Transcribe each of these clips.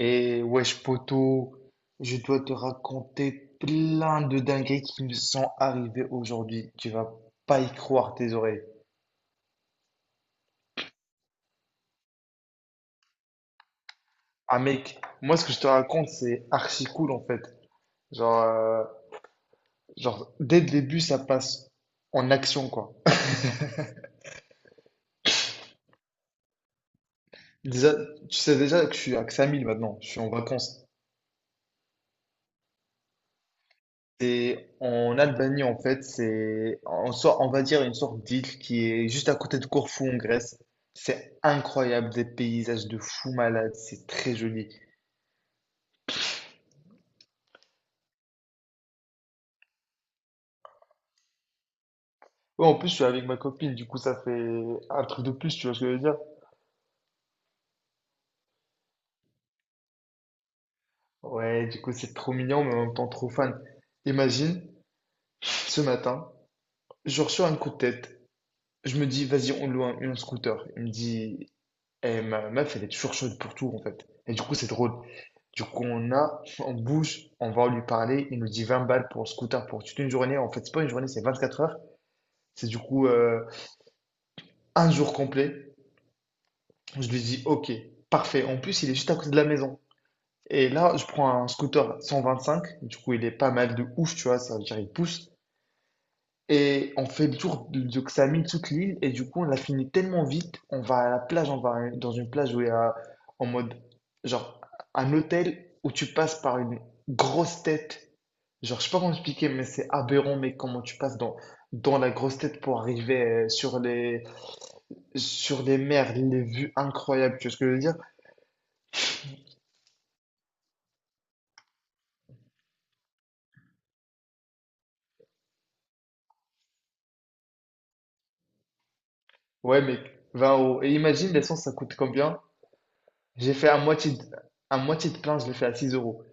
Et wesh poto, je dois te raconter plein de dingueries qui me sont arrivées aujourd'hui. Tu vas pas y croire tes oreilles. Ah mec, moi ce que je te raconte c'est archi cool en fait. Genre, euh, genre dès le début ça passe en action quoi. Déjà, tu sais déjà que je suis à Xamil maintenant, je suis en vacances. C'est en Albanie en fait, on va dire une sorte d'île qui est juste à côté de Corfou en Grèce. C'est incroyable, des paysages de fou malade, c'est très joli. Ouais, en plus je suis avec ma copine, du coup ça fait un truc de plus, tu vois ce que je veux dire? Ouais, du coup c'est trop mignon, mais en même temps trop fan. Imagine, ce matin, je reçois un coup de tête. Je me dis, vas-y, on loue un scooter. Il me dit, et ma meuf, elle est toujours chaude pour tout, en fait. Et du coup, c'est drôle. Du coup, on bouge, on va lui parler. Il nous dit 20 balles pour scooter pour toute une journée. En fait, c'est pas une journée, c'est 24 heures. C'est du coup un jour complet. Je lui dis, ok, parfait. En plus, il est juste à côté de la maison. Et là, je prends un scooter 125. Du coup, il est pas mal de ouf, tu vois. Ça veut dire, il pousse. Et on fait le tour, donc toute l'île, et du coup, on l'a fini tellement vite, on va à la plage, on va dans une plage où il y a, en mode, genre, un hôtel où tu passes par une grosse tête. Genre, je sais pas comment expliquer, mais c'est aberrant, mais comment tu passes dans la grosse tête pour arriver sur les mers, les vues incroyables, tu vois ce que je veux dire? Ouais, mec, 20 euros. Et imagine, l'essence, ça coûte combien? J'ai fait à moitié de plein, je l'ai fait à 6 euros.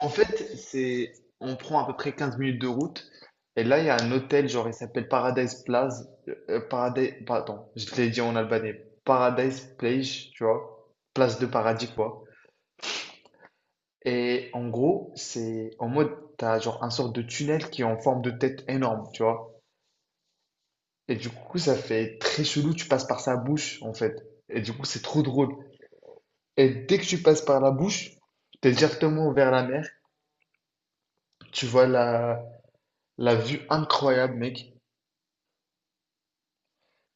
En fait, on prend à peu près 15 minutes de route. Et là, il y a un hôtel, genre, il s'appelle Paradise Place. Paradise, pardon, je te l'ai dit en albanais. Paradise Place, tu vois. Place de paradis, quoi. Et en gros, c'est en mode, t'as genre un sorte de tunnel qui est en forme de tête énorme, tu vois. Et du coup, ça fait très chelou, tu passes par sa bouche, en fait. Et du coup, c'est trop drôle. Et dès que tu passes par la bouche, t'es directement vers la mer. Tu vois la vue incroyable, mec.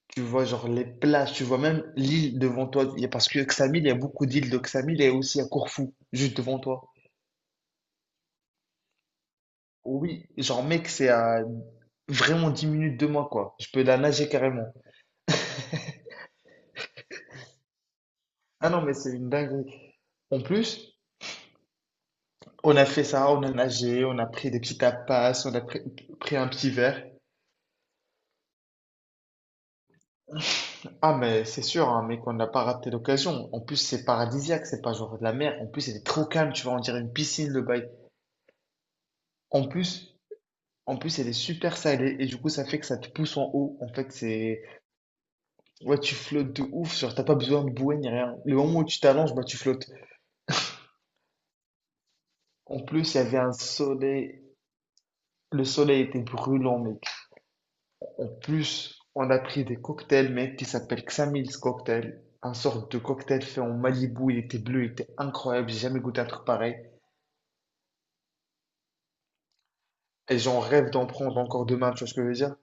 Tu vois, genre les plages, tu vois même l'île devant toi. Parce que Xamil, il y a beaucoup d'îles de Xamil et aussi à Corfou, juste devant toi. Oui, genre mec, c'est à vraiment 10 minutes de moi, quoi. Je peux la nager carrément. Ah non, mais c'est une dinguerie. En plus, on a fait ça, on a nagé, on a pris des petits tapas, on a pris un petit verre. Ah mais c'est sûr, hein, mec, on n'a pas raté l'occasion. En plus, c'est paradisiaque, c'est pas genre de la mer. En plus, c'est trop calme, tu vois, on dirait une piscine, le bail. En plus, En plus, elle est super salée et du coup, ça fait que ça te pousse en haut. En fait, c'est. Ouais, tu flottes de ouf. Genre, t'as pas besoin de bouée ni rien. Le moment où tu t'allonges, bah, tu flottes. En plus, il y avait un soleil. Le soleil était brûlant, mec. En plus, on a pris des cocktails, mec, qui s'appellent Xamil's Cocktail. Un sorte de cocktail fait en Malibu. Il était bleu, il était incroyable. J'ai jamais goûté un truc pareil. Et j'en rêve d'en prendre encore demain, tu vois ce que je veux dire?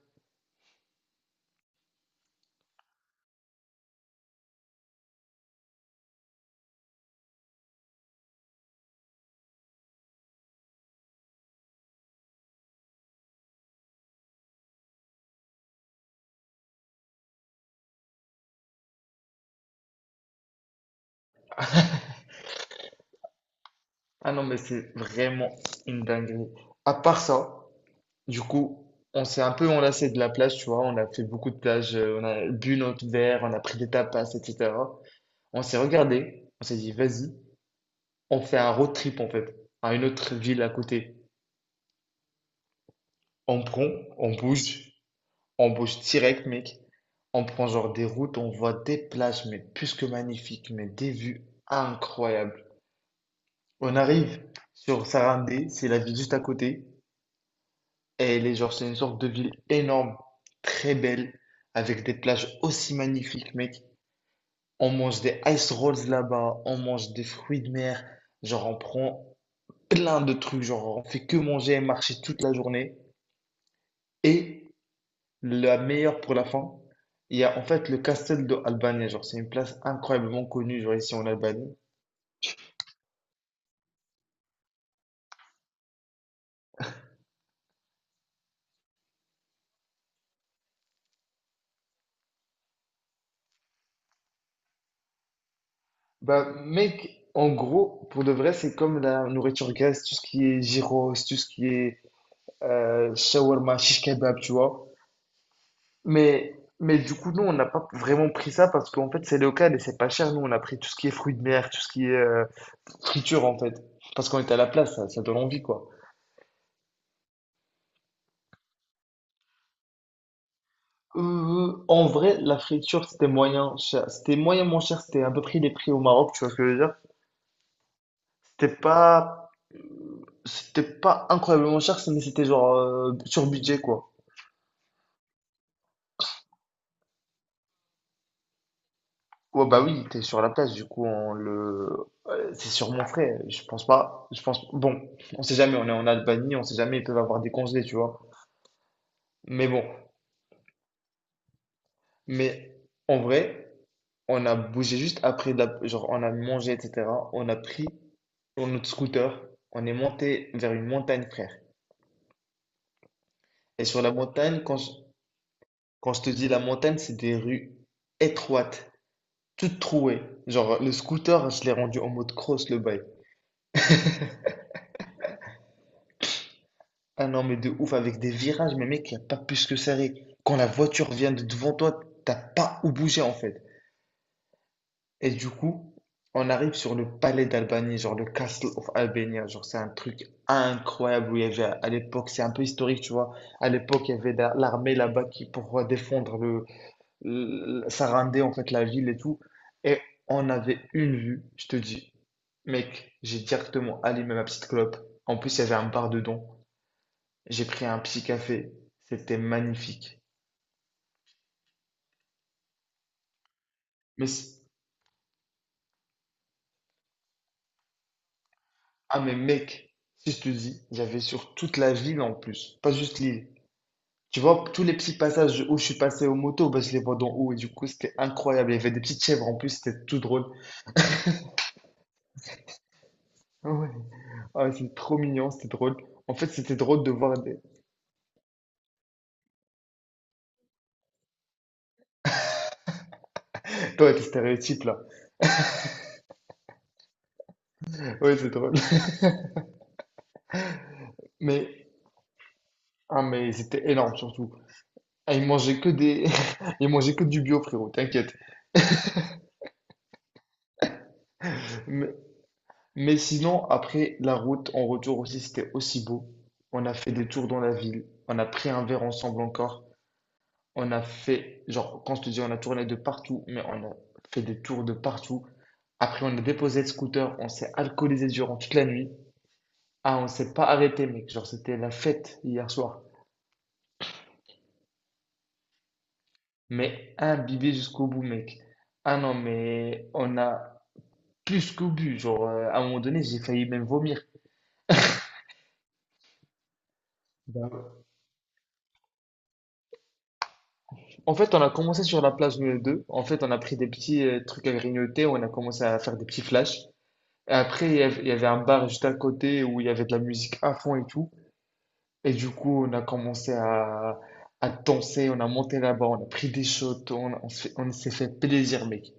Ah non, mais c'est vraiment une dinguerie. À part ça. Du coup, on s'est un peu enlacé de la plage, tu vois. On a fait beaucoup de plages, on a bu notre verre, on a pris des tapas, etc. On s'est regardé, on s'est dit, vas-y, on fait un road trip en fait, à une autre ville à côté. On prend, on bouge, on bouge direct, mec. On prend genre des routes, on voit des plages, mais plus que magnifiques, mais des vues incroyables. On arrive sur Sarandé, c'est la ville juste à côté. Elle est genre, c'est une sorte de ville énorme, très belle, avec des plages aussi magnifiques, mec. On mange des ice rolls là-bas, on mange des fruits de mer, genre on prend plein de trucs, genre on fait que manger et marcher toute la journée. Et la meilleure pour la fin, il y a en fait le Castel de Albania, genre c'est une place incroyablement connue, genre ici en Albanie. Bah mec, en gros, pour de vrai, c'est comme la nourriture grecque, tout ce qui est gyros, tout ce qui est shawarma, shish kebab, tu vois. Mais, mais, du coup, nous, on n'a pas vraiment pris ça parce qu'en fait, c'est local et c'est pas cher. Nous, on a pris tout ce qui est fruits de mer, tout ce qui est friture, en fait. Parce qu'on était à la place, ça donne envie, quoi. En vrai, la friture, c'était moyen cher. C'était moyen moins cher. C'était à peu près les prix au Maroc, tu vois ce que je veux dire? C'était pas, c'était pas, incroyablement cher, mais c'était genre sur budget, quoi. Oh bah oui, t'es sur la place, du coup, on le... c'est sur mon frère, je pense pas, je pense... Bon, on sait jamais, on est en Albanie, on sait jamais, ils peuvent avoir des congés, tu vois. Mais bon, mais en vrai, on a bougé juste après, de la... genre on a mangé, etc. On a pris sur notre scooter, on est monté vers une montagne, frère. Et sur la montagne, quand je te dis la montagne, c'est des rues étroites, toutes trouées. Genre, le scooter, je l'ai rendu en mode cross, le bail. Ah non, mais de ouf, avec des virages, mais mec, il n'y a pas plus que serré. Quand la voiture vient de devant toi, t'as pas où bouger en fait. Et du coup, on arrive sur le palais d'Albanie, genre le Castle of Albania. Genre, c'est un truc incroyable où il y avait à l'époque, c'est un peu historique, tu vois. À l'époque, il y avait l'armée là-bas qui pour défendre le, ça rendait en fait la ville et tout. Et on avait une vue, je te dis, mec, j'ai directement allumé ma petite clope. En plus, il y avait un bar dedans. J'ai pris un petit café. C'était magnifique. Mais, c- mais, mec, si je te dis, j'avais sur toute la ville en plus, pas juste l'île. Tu vois, tous les petits passages où je suis passé aux motos, bah, je les vois d'en haut et du coup, c'était incroyable. Il y avait des petites chèvres en plus, c'était tout drôle. Ah ouais, ah, ouais, c'est trop mignon, c'était drôle. En fait, c'était drôle de voir des... Toi, tes stéréotypes là. Ouais, c'est drôle. Mais, mais, c'était énorme surtout. Ah, ils mangeaient que des... Ils mangeaient que du bio, frérot, t'inquiète. Mais, Mais, sinon, après la route, en retour aussi, c'était aussi beau. On a fait des tours dans la ville, on a pris un verre ensemble encore. On a fait, genre, quand je te dis, on a tourné de partout, mais on a fait des tours de partout. Après, on a déposé le scooter, on s'est alcoolisé durant toute la nuit. Ah, on s'est pas arrêté, mec. Genre, c'était la fête hier soir. Mais imbibé jusqu'au bout, mec. Ah non, mais on a plus qu'au but. À un moment donné, j'ai failli même vomir. Bah, en fait, on a commencé sur la plage nous les deux. En fait, on a pris des petits trucs à grignoter, on a commencé à faire des petits flashs. Et après, il y avait un bar juste à côté où il y avait de la musique à fond et tout. Et du coup, on a commencé à danser, on a monté là-bas, on a pris des shots, on s'est fait plaisir, mec.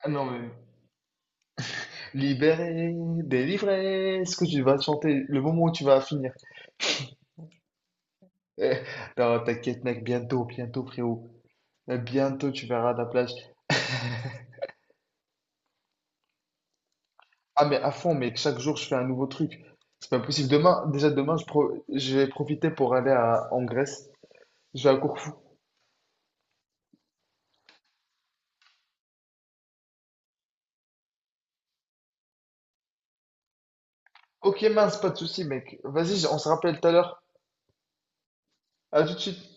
Ah non, mais libéré, délivré, est-ce que tu vas chanter le moment où tu vas finir? Eh, non, t'inquiète, mec, bientôt, bientôt, frérot. Bientôt, tu verras la plage. Ah mais à fond, mais chaque jour je fais un nouveau truc. C'est pas possible. Demain, déjà demain, je vais profiter pour aller en Grèce. Je vais à Corfou. Ok, mince, pas de souci, mec. Vas-y, on se rappelle tout à l'heure. À tout de suite.